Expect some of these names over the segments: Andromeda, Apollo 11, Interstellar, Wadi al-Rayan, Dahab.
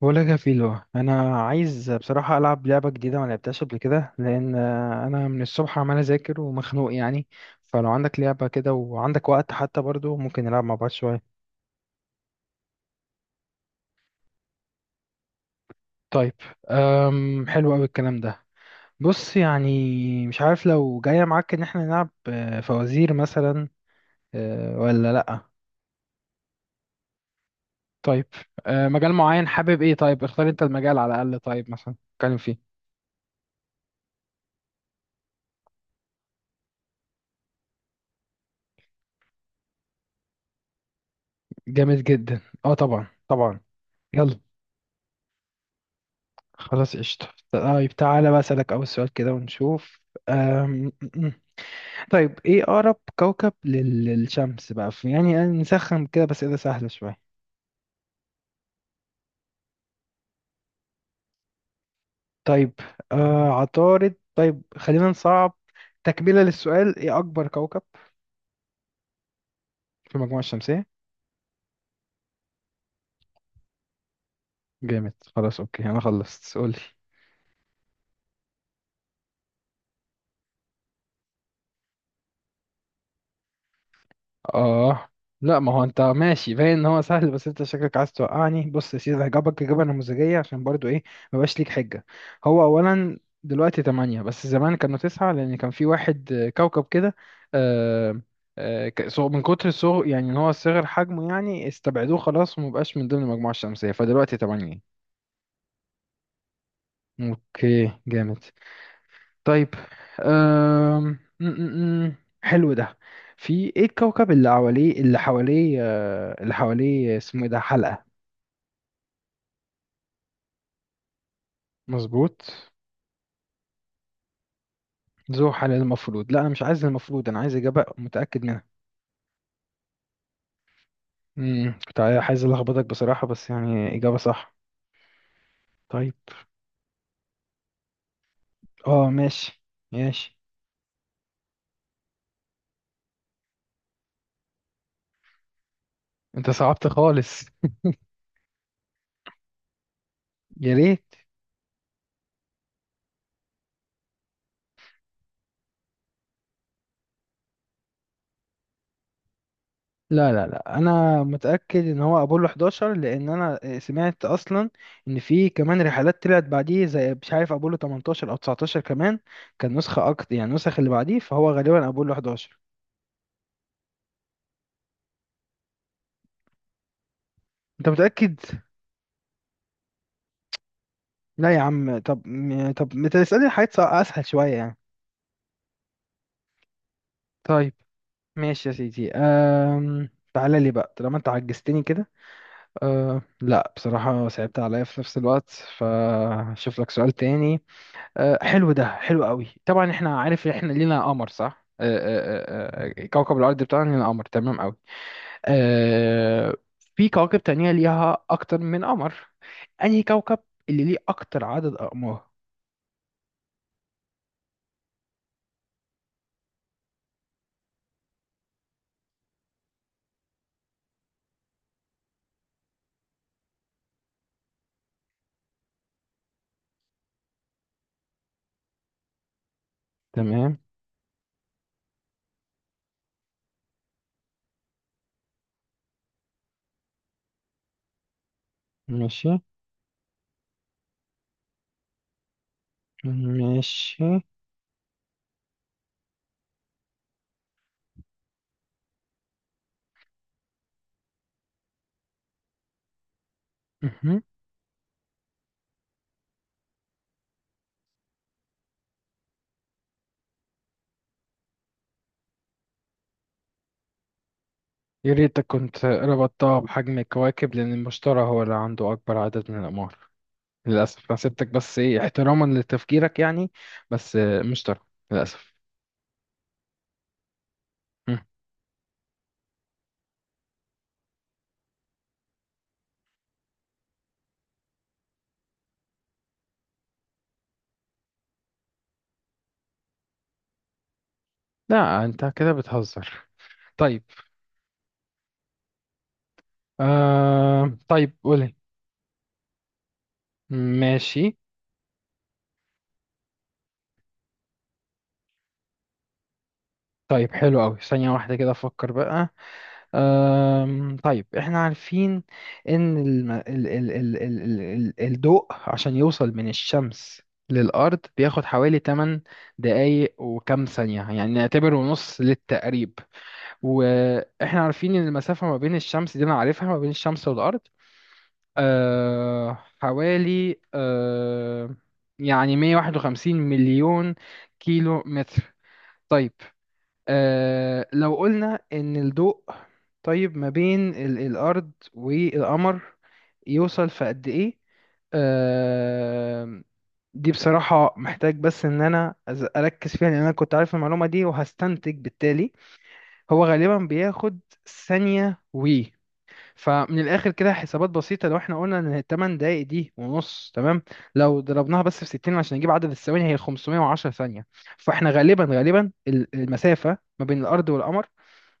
بقولك يا فيلو، انا عايز بصراحه العب لعبه جديده ما لعبتهاش قبل كده لان انا من الصبح عمال اذاكر ومخنوق يعني. فلو عندك لعبه كده وعندك وقت حتى برضو ممكن نلعب مع بعض شويه. طيب. حلو قوي الكلام ده. بص، يعني مش عارف لو جايه معاك ان احنا نلعب فوازير مثلا. ولا لا؟ طيب مجال معين حابب ايه؟ طيب اختار انت المجال على الاقل، طيب مثلا نتكلم فيه. جامد جدا، اه طبعا طبعا. يلا. خلاص قشطة. طيب تعالى بقى أسألك أول سؤال كده ونشوف. أم... م- م. طيب إيه أقرب كوكب للشمس بقى؟ في يعني نسخن كده بس، إذا سهلة شوية. طيب عطارد. طيب خلينا نصعب. تكملة للسؤال، إيه أكبر كوكب في المجموعة الشمسية؟ جامد. خلاص أوكي، أنا خلصت. قولي. اه لا، ما هو انت ماشي باين ان هو سهل، بس انت شكلك عايز توقعني. بص يا سيدي، هجاوبك اجابه نموذجيه عشان برضو ايه، مبقاش ليك حجه. هو اولا دلوقتي تمانية، بس زمان كانوا تسعة لان كان في واحد كوكب كده. آه، من كتر صغر، يعني ان هو صغر حجمه يعني استبعدوه خلاص ومبقاش من ضمن المجموعه الشمسيه، فدلوقتي تمانية. اوكي جامد. طيب. أم... م- م- م. حلو ده. في ايه الكوكب اللي حواليه اسمه ايه؟ ده حلقة. مظبوط. ذو حلقة المفروض؟ لا انا مش عايز المفروض، انا عايز اجابة متأكد منها. كنت عايز الخبطك بصراحة، بس يعني اجابة صح. طيب. اه ماشي. ماشي. انت صعبت خالص. يا ريت. لا لا لا، انا متاكد ان هو ابولو 11 لان انا سمعت اصلا ان في كمان رحلات طلعت بعديه، زي مش عارف ابولو 18 او 19 كمان. كان نسخه اكتر، يعني النسخ اللي بعديه، فهو غالبا ابولو 11. انت متاكد؟ لا يا عم، طب ما تسالني حاجات اسهل شويه يعني. طيب ماشي يا سيدي. تعالى لي بقى طالما انت عجزتني كده. لا بصراحه صعبت عليا في نفس الوقت. فاشوف لك سؤال تاني. حلو ده، حلو قوي. طبعا احنا عارف احنا لينا قمر صح، كوكب الارض بتاعنا لينا قمر، تمام قوي. آه، في كواكب تانية ليها اكتر من قمر. انهي كوكب اللي ليه اكتر عدد اقمار؟ تمام. ماشي. ماشي. مهم. يا ريتك كنت ربطتها بحجم الكواكب، لان المشتري هو اللي عنده اكبر عدد من الاقمار. للاسف. انا سبتك، بس ايه، احتراما لتفكيرك يعني. بس مشتري، للاسف. مم. لا انت كده بتهزر. طيب. طيب قولي. ماشي. طيب حلو قوي، ثانية واحدة كده أفكر بقى. طيب إحنا عارفين إن الم... ال... ال... ال... ال... ال... ال- الضوء عشان يوصل من الشمس للأرض بياخد حوالي 8 دقايق وكام ثانية، يعني نعتبره نص للتقريب. وإحنا عارفين إن المسافة ما بين الشمس، دي أنا عارفها، ما بين الشمس والأرض حوالي يعني 151 مليون كيلو متر. طيب لو قلنا إن الضوء، طيب ما بين الأرض والقمر يوصل في قد إيه؟ آه دي بصراحة محتاج بس إن أنا أركز فيها، لأن أنا كنت عارف المعلومة دي وهستنتج بالتالي. هو غالبا بياخد ثانية و... فمن الاخر كده حسابات بسيطه، لو احنا قلنا ان الثمان دقائق دي ونص تمام، لو ضربناها بس في 60 عشان نجيب عدد الثواني، هي 510 ثانيه. فاحنا غالبا غالبا المسافه ما بين الارض والقمر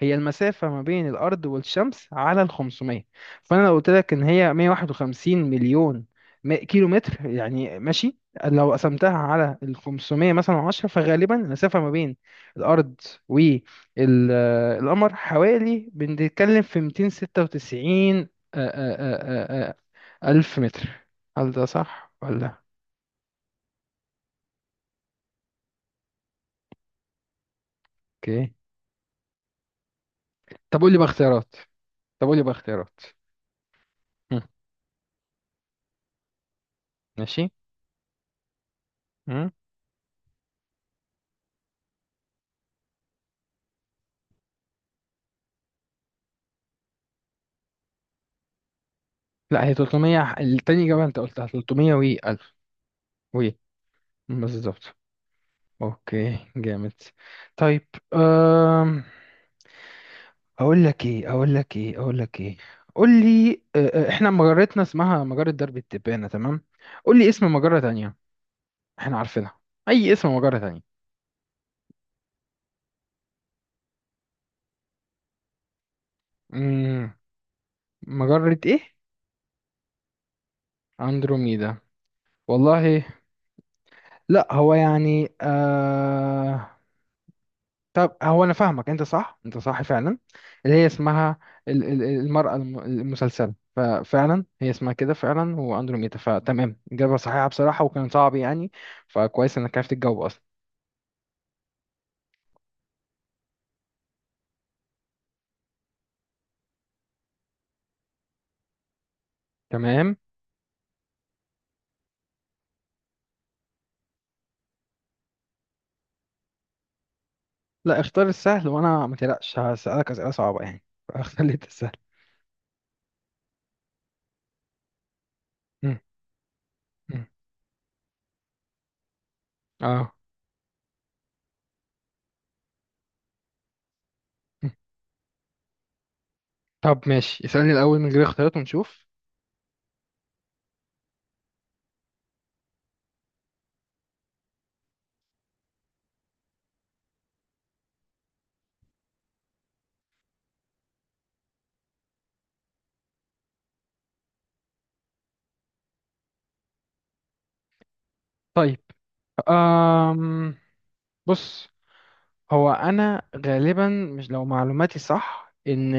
هي المسافة ما بين الأرض والشمس على ال 500. فأنا لو قلت لك إن هي 151 مليون كيلو متر يعني ماشي، لو قسمتها على ال 500 مثلا 10، فغالبا المسافة ما بين الأرض والقمر، حوالي، بنتكلم في 296 ألف متر. هل ده صح ولا؟ أوكي. طب قول لي بقى اختيارات. طب قول لي بقى اختيارات. مم. ماشي. لا هي 300، التاني إجابة أنت قلتها 300 و 1000 و... بالظبط. أوكي جامد. طيب. أم... أقول لك إيه قول لي إحنا مجرتنا اسمها مجرة درب التبانة، تمام؟ قول لي اسم مجرة تانية، إحنا عارفينها، أي اسم مجرة تانية. مم. مجرة إيه؟ أندروميدا؟ والله؟ لا هو يعني طب هو انا فاهمك، انت صح، انت صح فعلا، اللي هي اسمها المرأة المسلسلة. ففعلا هي اسمها كده فعلا، واندروميدا، فتمام. اجابة صحيحة بصراحة، وكان صعب يعني. فكويس انك عرفت الجو اصلا. تمام. لا اختار السهل، وانا ما تقلقش هسألك اسئلة صعبة يعني فاختار لي انت السهل. مم. مم. اه. مم. طب ماشي، اسألني الاول من غير اختيارات ونشوف. طيب. أم... بص، هو انا غالبا مش، لو معلوماتي صح، ان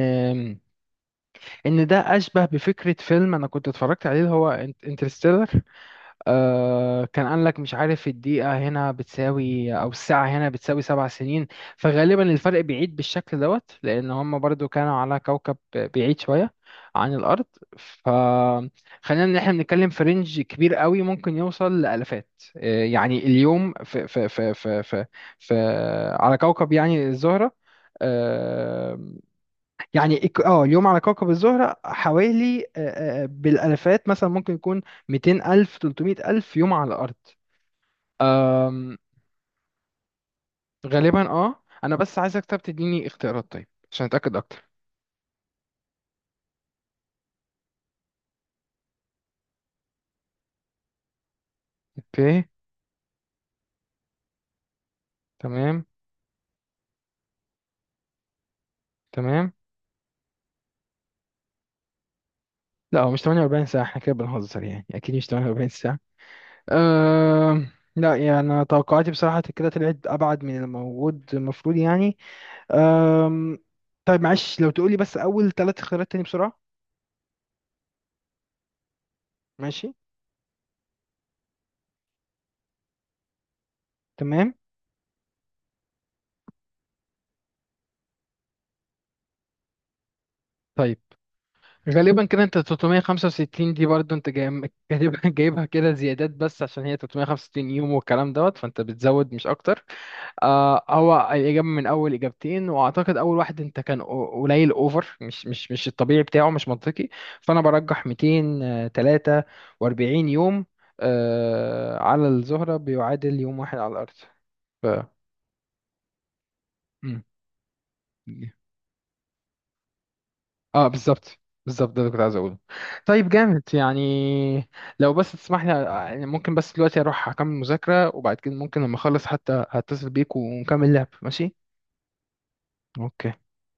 ان ده اشبه بفكره فيلم انا كنت اتفرجت عليه، اللي هو انترستيلر. كان قال لك، مش عارف، الدقيقه هنا بتساوي او الساعه هنا بتساوي 7 سنين. فغالبا الفرق بعيد بالشكل دوت، لان هم برضو كانوا على كوكب بعيد شويه عن الارض. فخلينا ان احنا بنتكلم في رينج كبير قوي، ممكن يوصل لالافات. يعني اليوم في على كوكب، يعني، الزهره. آه، يعني اليوم على كوكب الزهرة حوالي بالالفات مثلا ممكن يكون 200 الف 300 الف يوم على الارض. غالبا اه، انا بس عايزك طب تديني اختيارات طيب عشان اتاكد اكتر. اوكي. تمام. تمام. لا هو مش 48 ساعة، احنا كده بنهزر يعني، اكيد مش 48 ساعة. أم... لا يعني أنا توقعاتي بصراحة كده طلعت ابعد من الموجود المفروض يعني. أم... طيب معلش، لو تقولي بس اول ثلاث اختيارات تاني بسرعة. ماشي. تمام. طيب غالبا كده انت 365 دي برضو انت جايبها جايبها كده زيادات بس، عشان هي 365 يوم والكلام دوت، فانت بتزود مش اكتر. هو الاجابه من اول اجابتين، واعتقد اول واحد انت كان قليل اوفر، مش الطبيعي بتاعه، مش منطقي. فانا برجح 243 يوم، على الزهره بيعادل يوم واحد على الارض. ف... مم. اه بالظبط، بالظبط ده اللي كنت عايز اقوله. طيب جامد يعني. لو بس تسمح لي يعني، ممكن بس دلوقتي اروح اكمل مذاكرة، وبعد كده ممكن لما اخلص حتى هتصل بيك ونكمل لعب. ماشي. اوكي.